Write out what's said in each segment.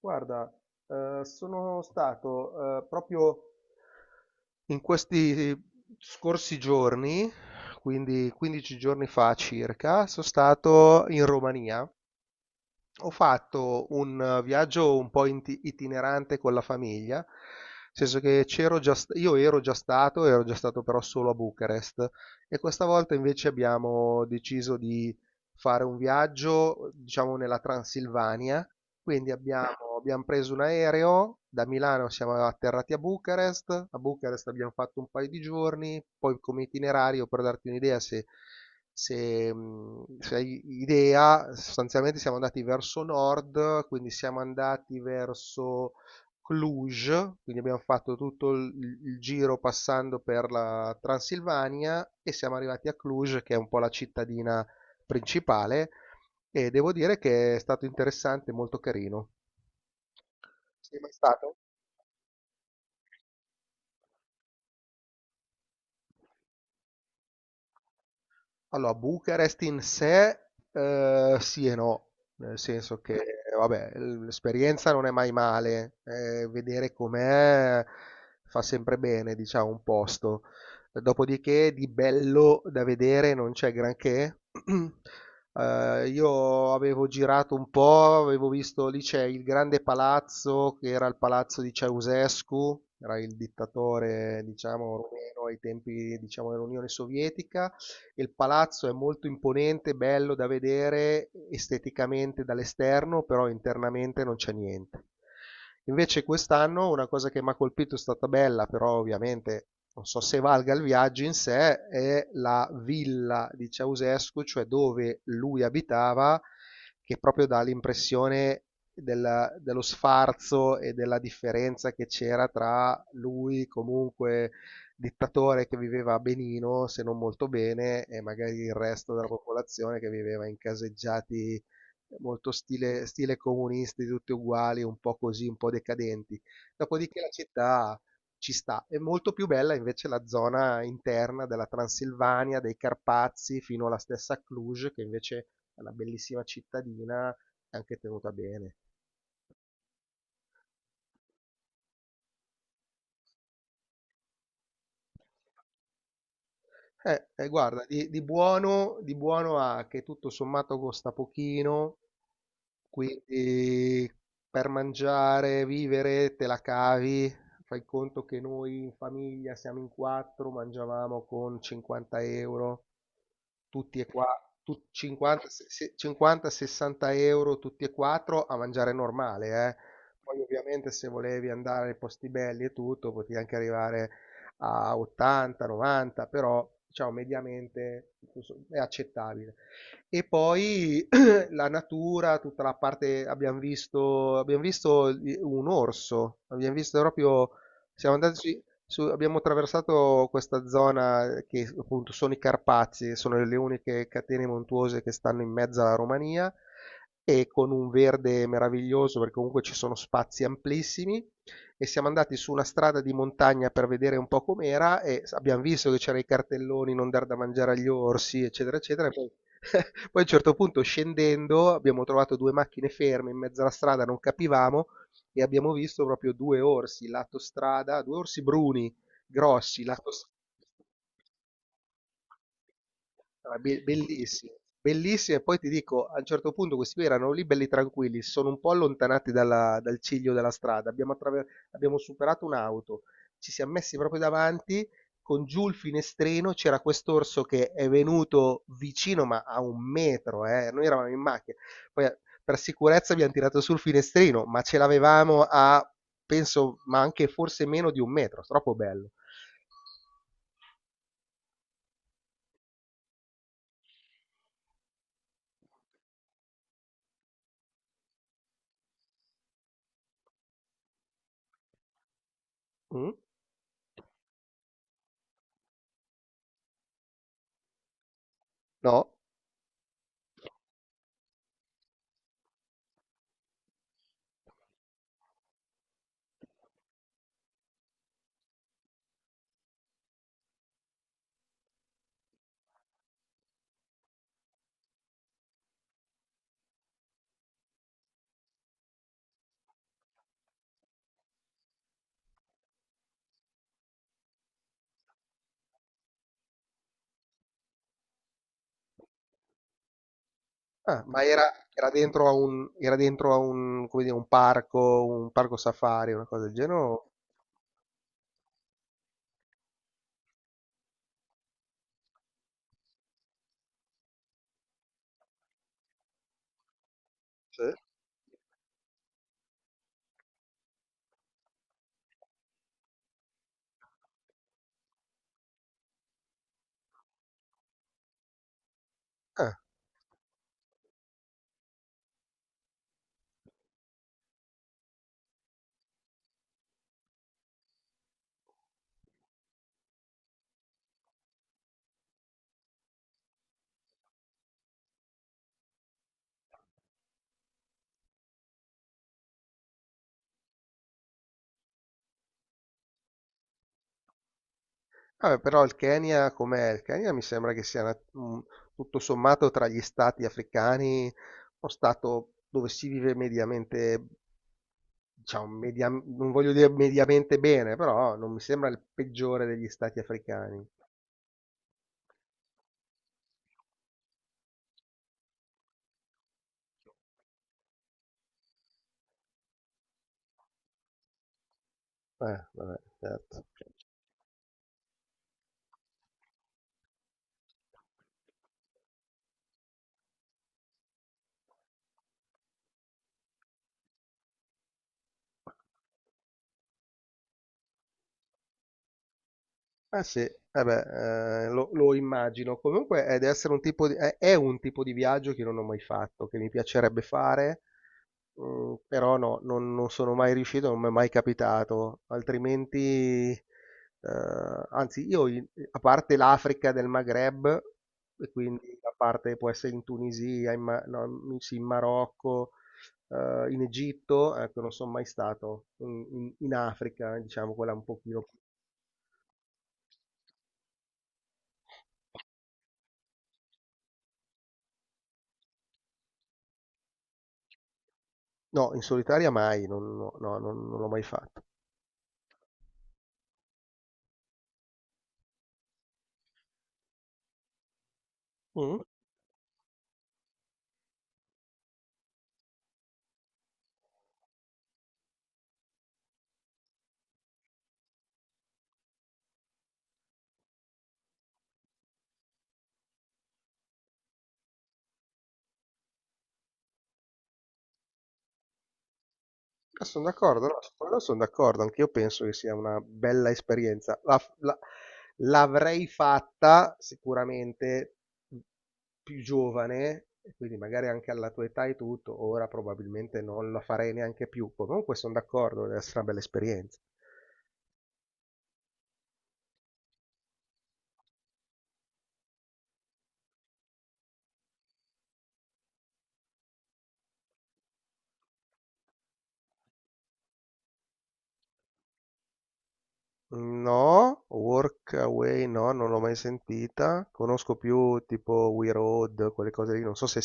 Guarda, sono stato proprio in questi scorsi giorni, quindi 15 giorni fa circa, sono stato in Romania. Ho fatto un viaggio un po' itinerante con la famiglia, nel senso che io ero già stato, però solo a Bucarest e questa volta invece abbiamo deciso di fare un viaggio, diciamo, nella Transilvania, quindi abbiamo preso un aereo, da Milano siamo atterrati a Bucarest abbiamo fatto un paio di giorni, poi come itinerario, per darti un'idea, se hai idea, sostanzialmente siamo andati verso nord, quindi siamo andati verso Cluj, quindi abbiamo fatto tutto il giro passando per la Transilvania e siamo arrivati a Cluj, che è un po' la cittadina principale, e devo dire che è stato interessante, molto carino. Sei mai stato? Allora, Bucarest in sé, sì e no, nel senso che, vabbè, l'esperienza non è mai male, vedere com'è fa sempre bene, diciamo, un posto. Dopodiché di bello da vedere non c'è granché. Io avevo girato un po', avevo visto lì c'è il grande palazzo, che era il palazzo di Ceaușescu, era il dittatore, diciamo, rumeno ai tempi, diciamo, dell'Unione Sovietica. Il palazzo è molto imponente, bello da vedere esteticamente dall'esterno, però internamente non c'è niente. Invece quest'anno una cosa che mi ha colpito è stata bella, però ovviamente non so se valga il viaggio in sé, è la villa di Ceausescu, cioè dove lui abitava, che proprio dà l'impressione dello sfarzo e della differenza che c'era tra lui comunque dittatore che viveva a benino, se non molto bene, e magari il resto della popolazione che viveva in caseggiati molto stile comunisti, tutti uguali, un po' così, un po' decadenti. Dopodiché la città ci sta. È molto più bella invece la zona interna della Transilvania, dei Carpazi, fino alla stessa Cluj, che invece è una bellissima cittadina, anche tenuta bene. Eh, guarda, di buono ha che tutto sommato costa pochino, quindi per mangiare, vivere, te la cavi. Fai conto che noi in famiglia siamo in quattro, mangiavamo con 50 euro, tutti e qua, 50, 50-60 euro tutti e quattro a mangiare normale, eh. Poi ovviamente se volevi andare ai posti belli e tutto, potevi anche arrivare a 80, 90, però diciamo mediamente è accettabile. E poi la natura, tutta la parte, abbiamo visto un orso, abbiamo visto proprio, siamo andati abbiamo attraversato questa zona che appunto sono i Carpazi, sono le uniche catene montuose che stanno in mezzo alla Romania e con un verde meraviglioso perché comunque ci sono spazi amplissimi e siamo andati su una strada di montagna per vedere un po' com'era e abbiamo visto che c'erano i cartelloni non dar da mangiare agli orsi, eccetera, eccetera. E poi poi a un certo punto scendendo abbiamo trovato due macchine ferme in mezzo alla strada, non capivamo, e abbiamo visto proprio due orsi lato strada, due orsi bruni grossi lato strada. Ah, be bellissimi, bellissimi, e poi ti dico, a un certo punto questi qui erano lì belli tranquilli, si sono un po' allontanati dal ciglio della strada, abbiamo superato un'auto, ci siamo messi proprio davanti, con giù il finestrino c'era quest'orso che è venuto vicino ma a un metro, noi eravamo in macchina, poi per sicurezza abbiamo tirato sul finestrino, ma ce l'avevamo a, penso, ma anche forse meno di un metro, troppo bello. Mm? No? Ah, ma era dentro a un, come dire, un parco safari, una cosa del genere? Sì. Ah, vabbè, però il Kenya com'è? Il Kenya mi sembra che sia tutto sommato tra gli stati africani uno stato dove si vive mediamente, diciamo, non voglio dire mediamente bene, però non mi sembra il peggiore degli stati africani. Vabbè, certo. Eh sì, eh beh, lo immagino. Comunque deve essere un tipo di, è un tipo di viaggio che non ho mai fatto, che mi piacerebbe fare, però no, non sono mai riuscito, non mi è mai capitato. Altrimenti, anzi, io a parte l'Africa del Maghreb, e quindi a parte può essere in Tunisia, no, sì, in Marocco, in Egitto, ecco, non sono mai stato in Africa, diciamo, quella un pochino. No, in solitaria mai, non no, no, non l'ho mai fatto. Mh. Ah, son d'accordo, no, su quello son d'accordo, anch'io penso che sia una bella esperienza. La f la L'avrei fatta sicuramente, mhmm, più giovane, e quindi magari anche alla tua età e tutto, ora probabilmente non la farei neanche più. Comunque son d'accordo, deve essere una bella esperienza. No, Workaway no, non l'ho mai sentita. Conosco più tipo We Road, quelle cose lì, non so se.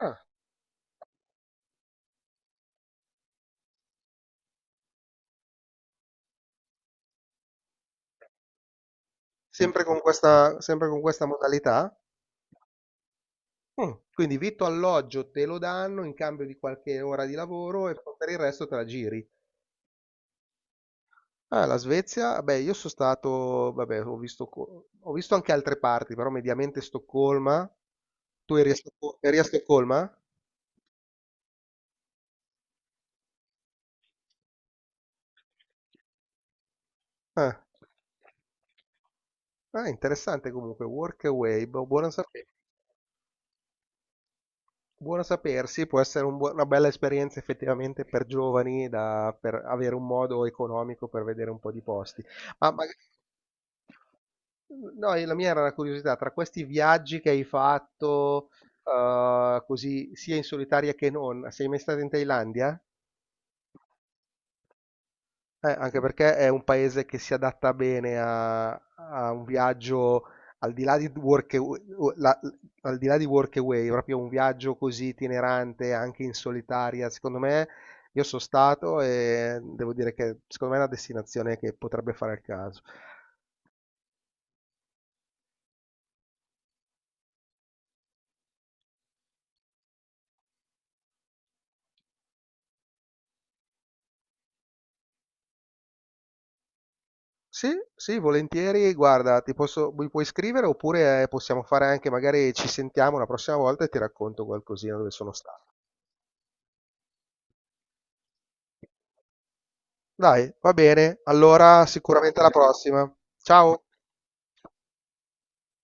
Ah, sempre con questa modalità? Quindi vitto alloggio te lo danno in cambio di qualche ora di lavoro e per il resto te la giri. Ah, la Svezia? Beh, io sono stato, vabbè, ho visto, ho visto anche altre parti, però mediamente Stoccolma. Tu eri a, Stocco- eri a Stoccolma? Ah. Ah, interessante comunque, Workaway, boh, buono sapersi, può essere una bella esperienza effettivamente per giovani, per avere un modo economico per vedere un po' di posti. Ma, ma- no, la mia era una curiosità, tra questi viaggi che hai fatto, così, sia in solitaria che non, sei mai stato in Thailandia? Anche perché è un paese che si adatta bene a, un viaggio al di là di work, o- la- al di là di work away, proprio un viaggio così itinerante, anche in solitaria. Secondo me, io sono stato e devo dire che secondo me è una destinazione che potrebbe fare il caso. Sì, sì, volentieri. Guarda, mi puoi scrivere oppure possiamo fare anche, magari ci sentiamo la prossima volta e ti racconto qualcosina dove sono stato. Dai, va bene, allora sicuramente alla prossima. Ciao.